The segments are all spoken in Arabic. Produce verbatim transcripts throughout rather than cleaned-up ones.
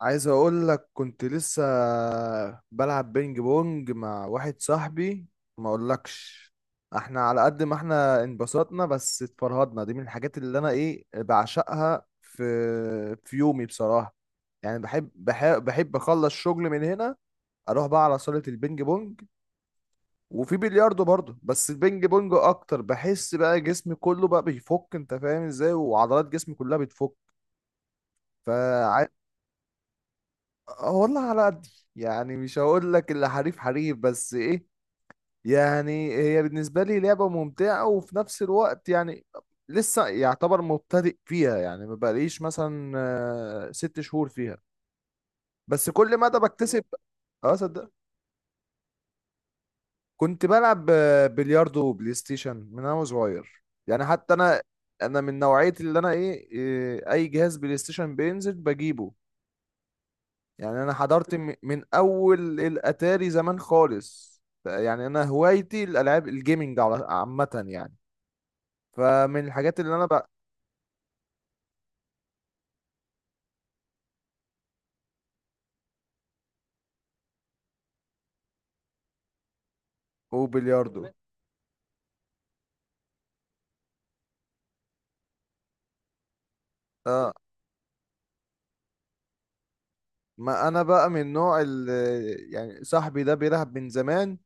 عايز اقول لك كنت لسه بلعب بينج بونج مع واحد صاحبي. ما اقولكش، احنا على قد ما احنا انبسطنا بس اتفرهدنا. دي من الحاجات اللي انا ايه بعشقها في في يومي بصراحة. يعني بحب بحب بحب اخلص شغل من هنا، اروح بقى على صالة البينج بونج. وفي بلياردو برضه، بس البينج بونج اكتر. بحس بقى جسمي كله بقى بيفك، انت فاهم ازاي، وعضلات جسمي كلها بتفك. فعايز والله على قد، يعني مش هقول لك اللي حريف حريف بس ايه يعني هي بالنسبة لي لعبة ممتعة، وفي نفس الوقت يعني لسه يعتبر مبتدئ فيها. يعني ما بقاليش مثلا آه، ست شهور فيها، بس كل مدى بكتسب. اه صدق، كنت بلعب آه، بلياردو وبلاي ستيشن من انا صغير، يعني حتى انا انا من نوعية اللي انا ايه إيه، اي جهاز بلاي ستيشن بينزل بجيبه. يعني انا حضرت م- من اول الاتاري زمان خالص، ف- يعني انا هوايتي الالعاب الجيمنج على- عامه يعني. فمن الحاجات اللي انا بقى وبلياردو. اه ما انا بقى من نوع ال يعني صاحبي ده بيلعب من زمان،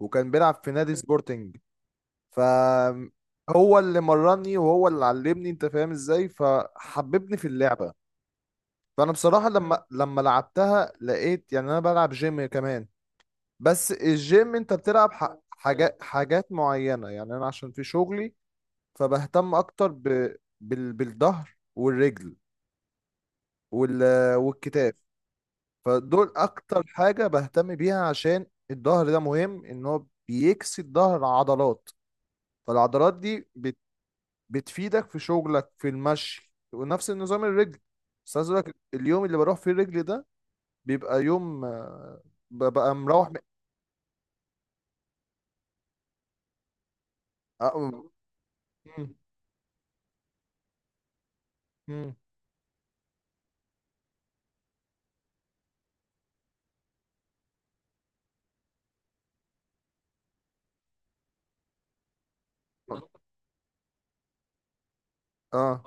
وكان بيلعب في نادي سبورتنج. ف هو اللي مرني وهو اللي علمني، انت فاهم ازاي، فحببني في اللعبة. فانا بصراحة لما لما لعبتها لقيت، يعني انا بلعب جيم كمان. بس الجيم انت بتلعب ح- حاجات حاجات معينة، يعني انا عشان في شغلي فبهتم اكتر ب... بال... بالظهر والرجل وال... والكتاف. فدول اكتر حاجة بهتم بيها، عشان الظهر ده مهم ان هو بيكسي الظهر عضلات، فالعضلات دي بت... بتفيدك في شغلك، في المشي، ونفس النظام الرجل. بس عايز اقول لك، اليوم اللي بروح فيه الرجل ده، بيبقى يوم آه، ببقى مروح م... آه، مم. مم. اه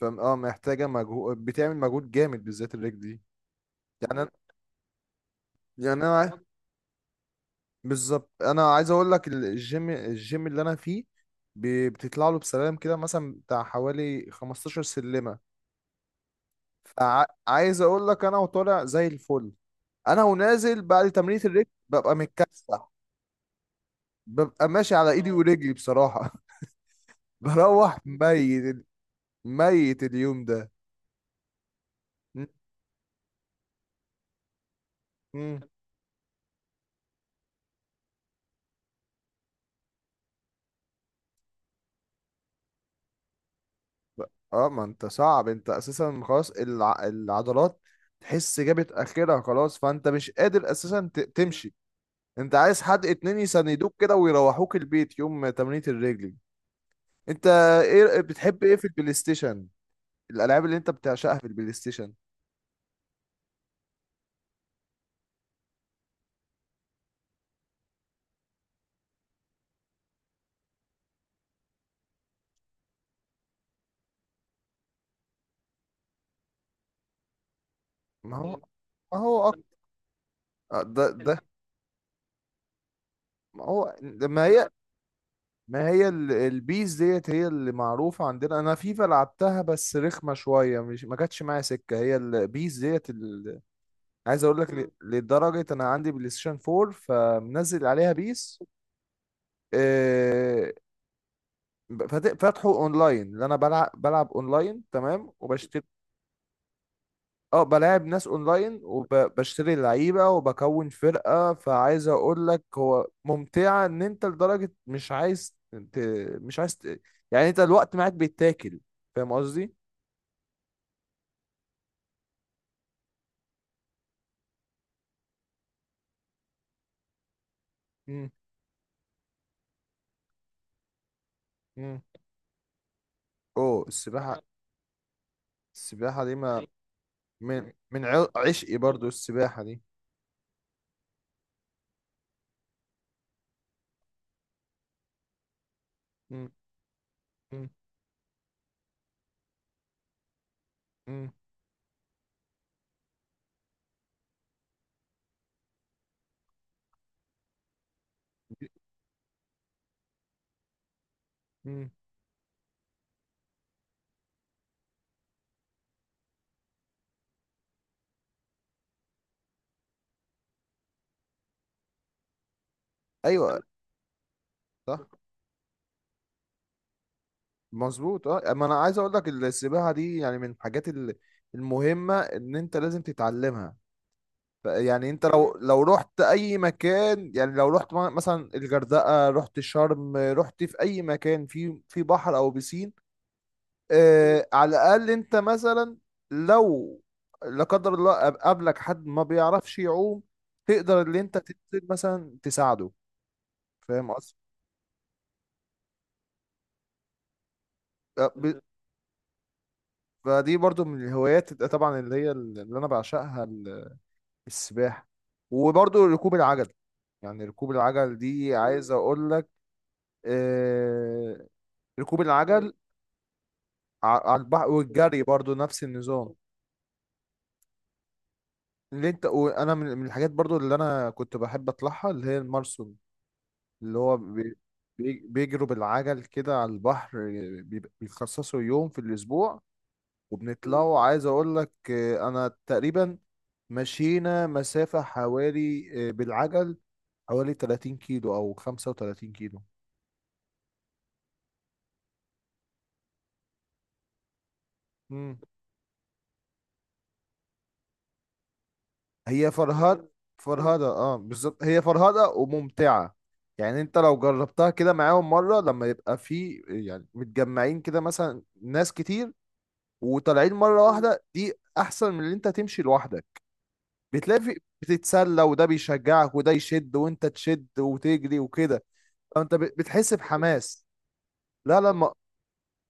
فم اه محتاجه مجهود، بتعمل مجهود جامد، بالذات الرجل دي. يعني انا، يعني انا عاي- بالظبط انا عايز اقول لك ال- الجيم الجيم اللي انا فيه، ب- بتطلع له بسلالم كده مثلا بتاع حوالي خمستاشر سلمه. فعايز اقول لك انا وطالع زي الفل، انا ونازل بعد تمرينة الرجل ببقى متكسح، ببقى ماشي على ايدي ورجلي بصراحه بروح ميت، ميت اليوم ده. م- م. اه ما انت صعب، انت اساسا خلاص الع... العضلات تحس جابت اخرها خلاص، فانت مش قادر اساسا ت... تمشي. انت عايز حد اتنين يساندوك كده ويروحوك البيت يوم تمرينة الرجل. انت ايه بتحب ايه في البلاي ستيشن، الالعاب اللي انت بتعشقها في البلاي ستيشن؟ ما هو ما هو أك- آه، ده ده ما هو ده- ما هي ما هي ال- البيس ديت هي اللي معروفة عندنا. انا فيفا لعبتها بس رخمة شوية، مش ما جاتش معايا سكة، هي البيس ديت. عايز اقول لك ل- لدرجه انا عندي بلاي ستيشن فور، فمنزل عليها بيس. آه، فات- فاتحه اونلاين، اللي انا بلعب بلعب اونلاين تمام، وبشتري. اه بلاعب ناس اونلاين، وبشتري لعيبه، وبكون فرقه. فعايز اقول لك هو ممتعه ان انت لدرجه مش عايز ت... مش عايز ت... يعني انت الوقت معاك بيتاكل. فاهم قصدي؟ مم. مم. اوه السباحه. السباحه دي، ما من من عشقي برضو السباحه دي. مم. مم. مم. مم. ايوه. صح. مظبوط. اه ما انا عايز اقول لك السباحه دي، يعني من الحاجات ال- المهمه ان انت لازم تتعلمها. ف- يعني انت لو لو رحت اي مكان، يعني لو رحت م- مثلا الغردقه، رحت شرم، رحت في اي مكان، في في بحر او بيسين، آه على الاقل انت مثلا، لو لا قدر الله قاب- قابلك حد ما بيعرفش يعوم، تقدر اللي انت تنزل مثلا تساعده. فاهم قصدي. فدي برضو من الهوايات طبعا، اللي هي اللي انا بعشقها ال- السباحة. وبرضو ركوب العجل. يعني ركوب العجل دي عايز اقول لك، آه ركوب العجل، ع- على البحر والجري برضو نفس النظام. اللي انت وانا، من من الحاجات برضو اللي انا كنت بحب اطلعها اللي هي المارسون، اللي هو بي- بي- بيجروا بالعجل كده على البحر. بيبقى- بيخصصوا يوم في الاسبوع، وبنطلعوا. عايز اقول لك آه، انا تقريبا مشينا مسافة حوالي، آه، بالعجل حوالي تلاتين كيلو او خمسة وتلاتين كيلو. مم. هي فرهد فرهدة، اه بالظبط، هي فرهدة وممتعة. يعني انت لو جربتها كده معاهم مرة، لما يبقى في يعني متجمعين كده، مثلا ناس كتير وطالعين مرة واحدة، دي احسن من اللي انت تمشي لوحدك. بتلاقي في، بتتسلى، وده بيشجعك، وده يشد وانت تشد وتجري وكده. انت ب- بتحس بحماس. لا لا الم-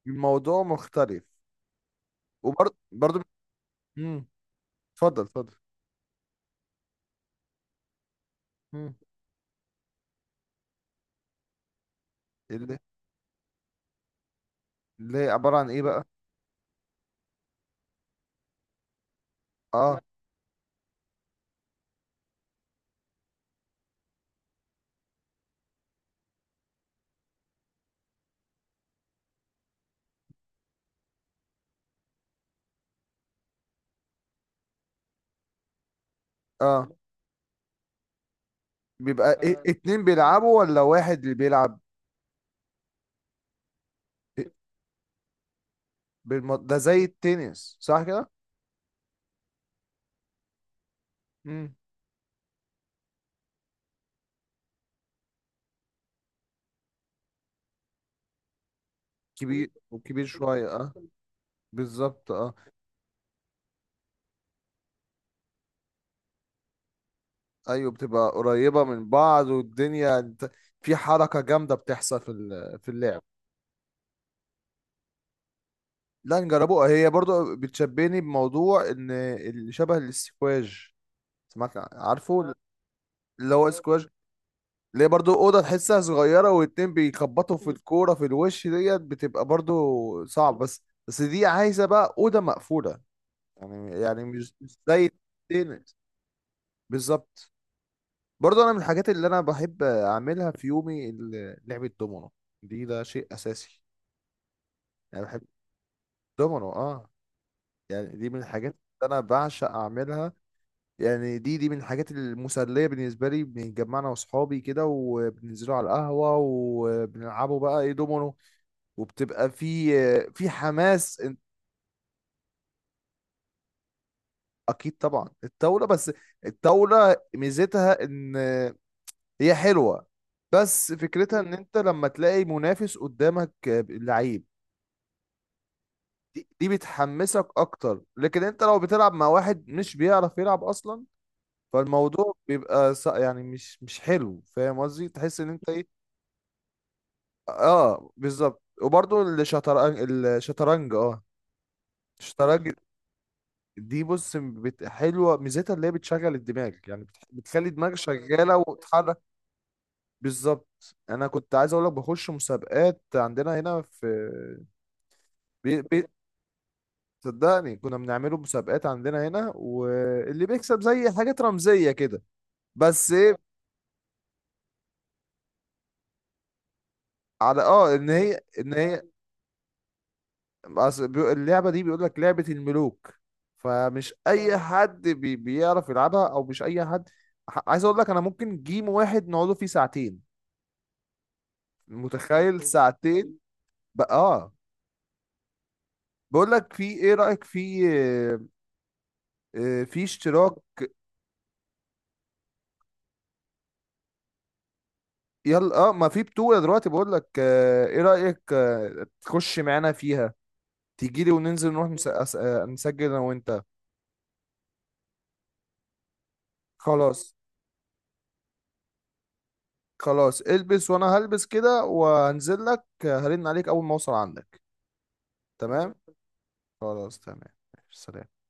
الموضوع مختلف. وبرضه برضه. امم اتفضل اتفضل. امم اللي اللي هي عبارة عن ايه بقى؟ اه اه. بيبقى إيه، اتنين بيلعبوا ولا واحد اللي بيلعب؟ إيه؟ بالم... ده زي التنس، صح كده؟ امم. كبير، وكبير شوية، اه بالظبط، اه ايوه. بتبقى قريبة من بعض، والدنيا انت في حركة جامدة بتحصل في ال- في اللعب. لا نجربوها. هي برضو بتشبهني بموضوع ان اللي شبه الاسكواج، سمعت، عارفه، اللي هو سكواش، اللي هي برضو اوضه تحسها صغيره، واتنين بيخبطوا في الكوره في الوش ديت، بتبقى برضو صعب. بس بس دي عايزه بقى اوضه مقفوله، يعني يعني مش مش زي التنس. بالظبط. برضو انا من الحاجات اللي انا بحب اعملها في يومي ال- لعبه دومينو، دي ده شيء اساسي. يعني بحب الدومينو اه، يعني دي من الحاجات اللي انا بعشق اعملها. يعني دي دي من الحاجات المسلية بالنسبة لي. بنتجمعنا وأصحابي كده وبننزلوا على القهوة وبنلعبوا بقى إيه دومينو. وبتبقى في في حماس إن- أكيد طبعا الطاولة. بس الطاولة ميزتها إن هي حلوة، بس فكرتها إن أنت لما تلاقي منافس قدامك، لعيب، دي دي بتحمسك أكتر. لكن أنت لو بتلعب مع واحد مش بيعرف يلعب أصلا فالموضوع بيبقى ص- يعني مش مش حلو. فاهم قصدي؟ تحس ان انت إيه، اه بالظبط. وبرضه الشطرنج. الشطرنج اه. الشطرنج دي بص بت... حلوه، ميزتها اللي هي بتشغل الدماغ، يعني بت... بتخلي دماغك شغاله وتتحرك. بالظبط، انا كنت عايز اقول لك بخش مسابقات عندنا هنا في بي... بي... صدقني كنا بنعمله مسابقات عندنا هنا، واللي بيكسب زي حاجات رمزيه كده. بس ايه، على اه ان هي، ان هي، أصل بيق- اللعبة دي بيقول لك لعبة الملوك، فمش أي حد بي بيعرف يلعبها، أو مش أي حد. ح- عايز أقول لك أنا ممكن جيم واحد نقعده فيه ساعتين، متخيل، ساعتين. بقى آه. بقول لك في، إيه رأيك في، آه، في اشتراك. يلا آه ما في بطولة دلوقتي. بقول لك آه، إيه رأيك آه، تخش معانا فيها، تيجي لي وننزل نروح نس- أس- آه، نسجل أنا وأنت. خلاص. خلاص البس وأنا هلبس كده وهنزل لك آه، هرن عليك أول ما أوصل عندك. تمام. خلاص تمام. ماشي، سلام.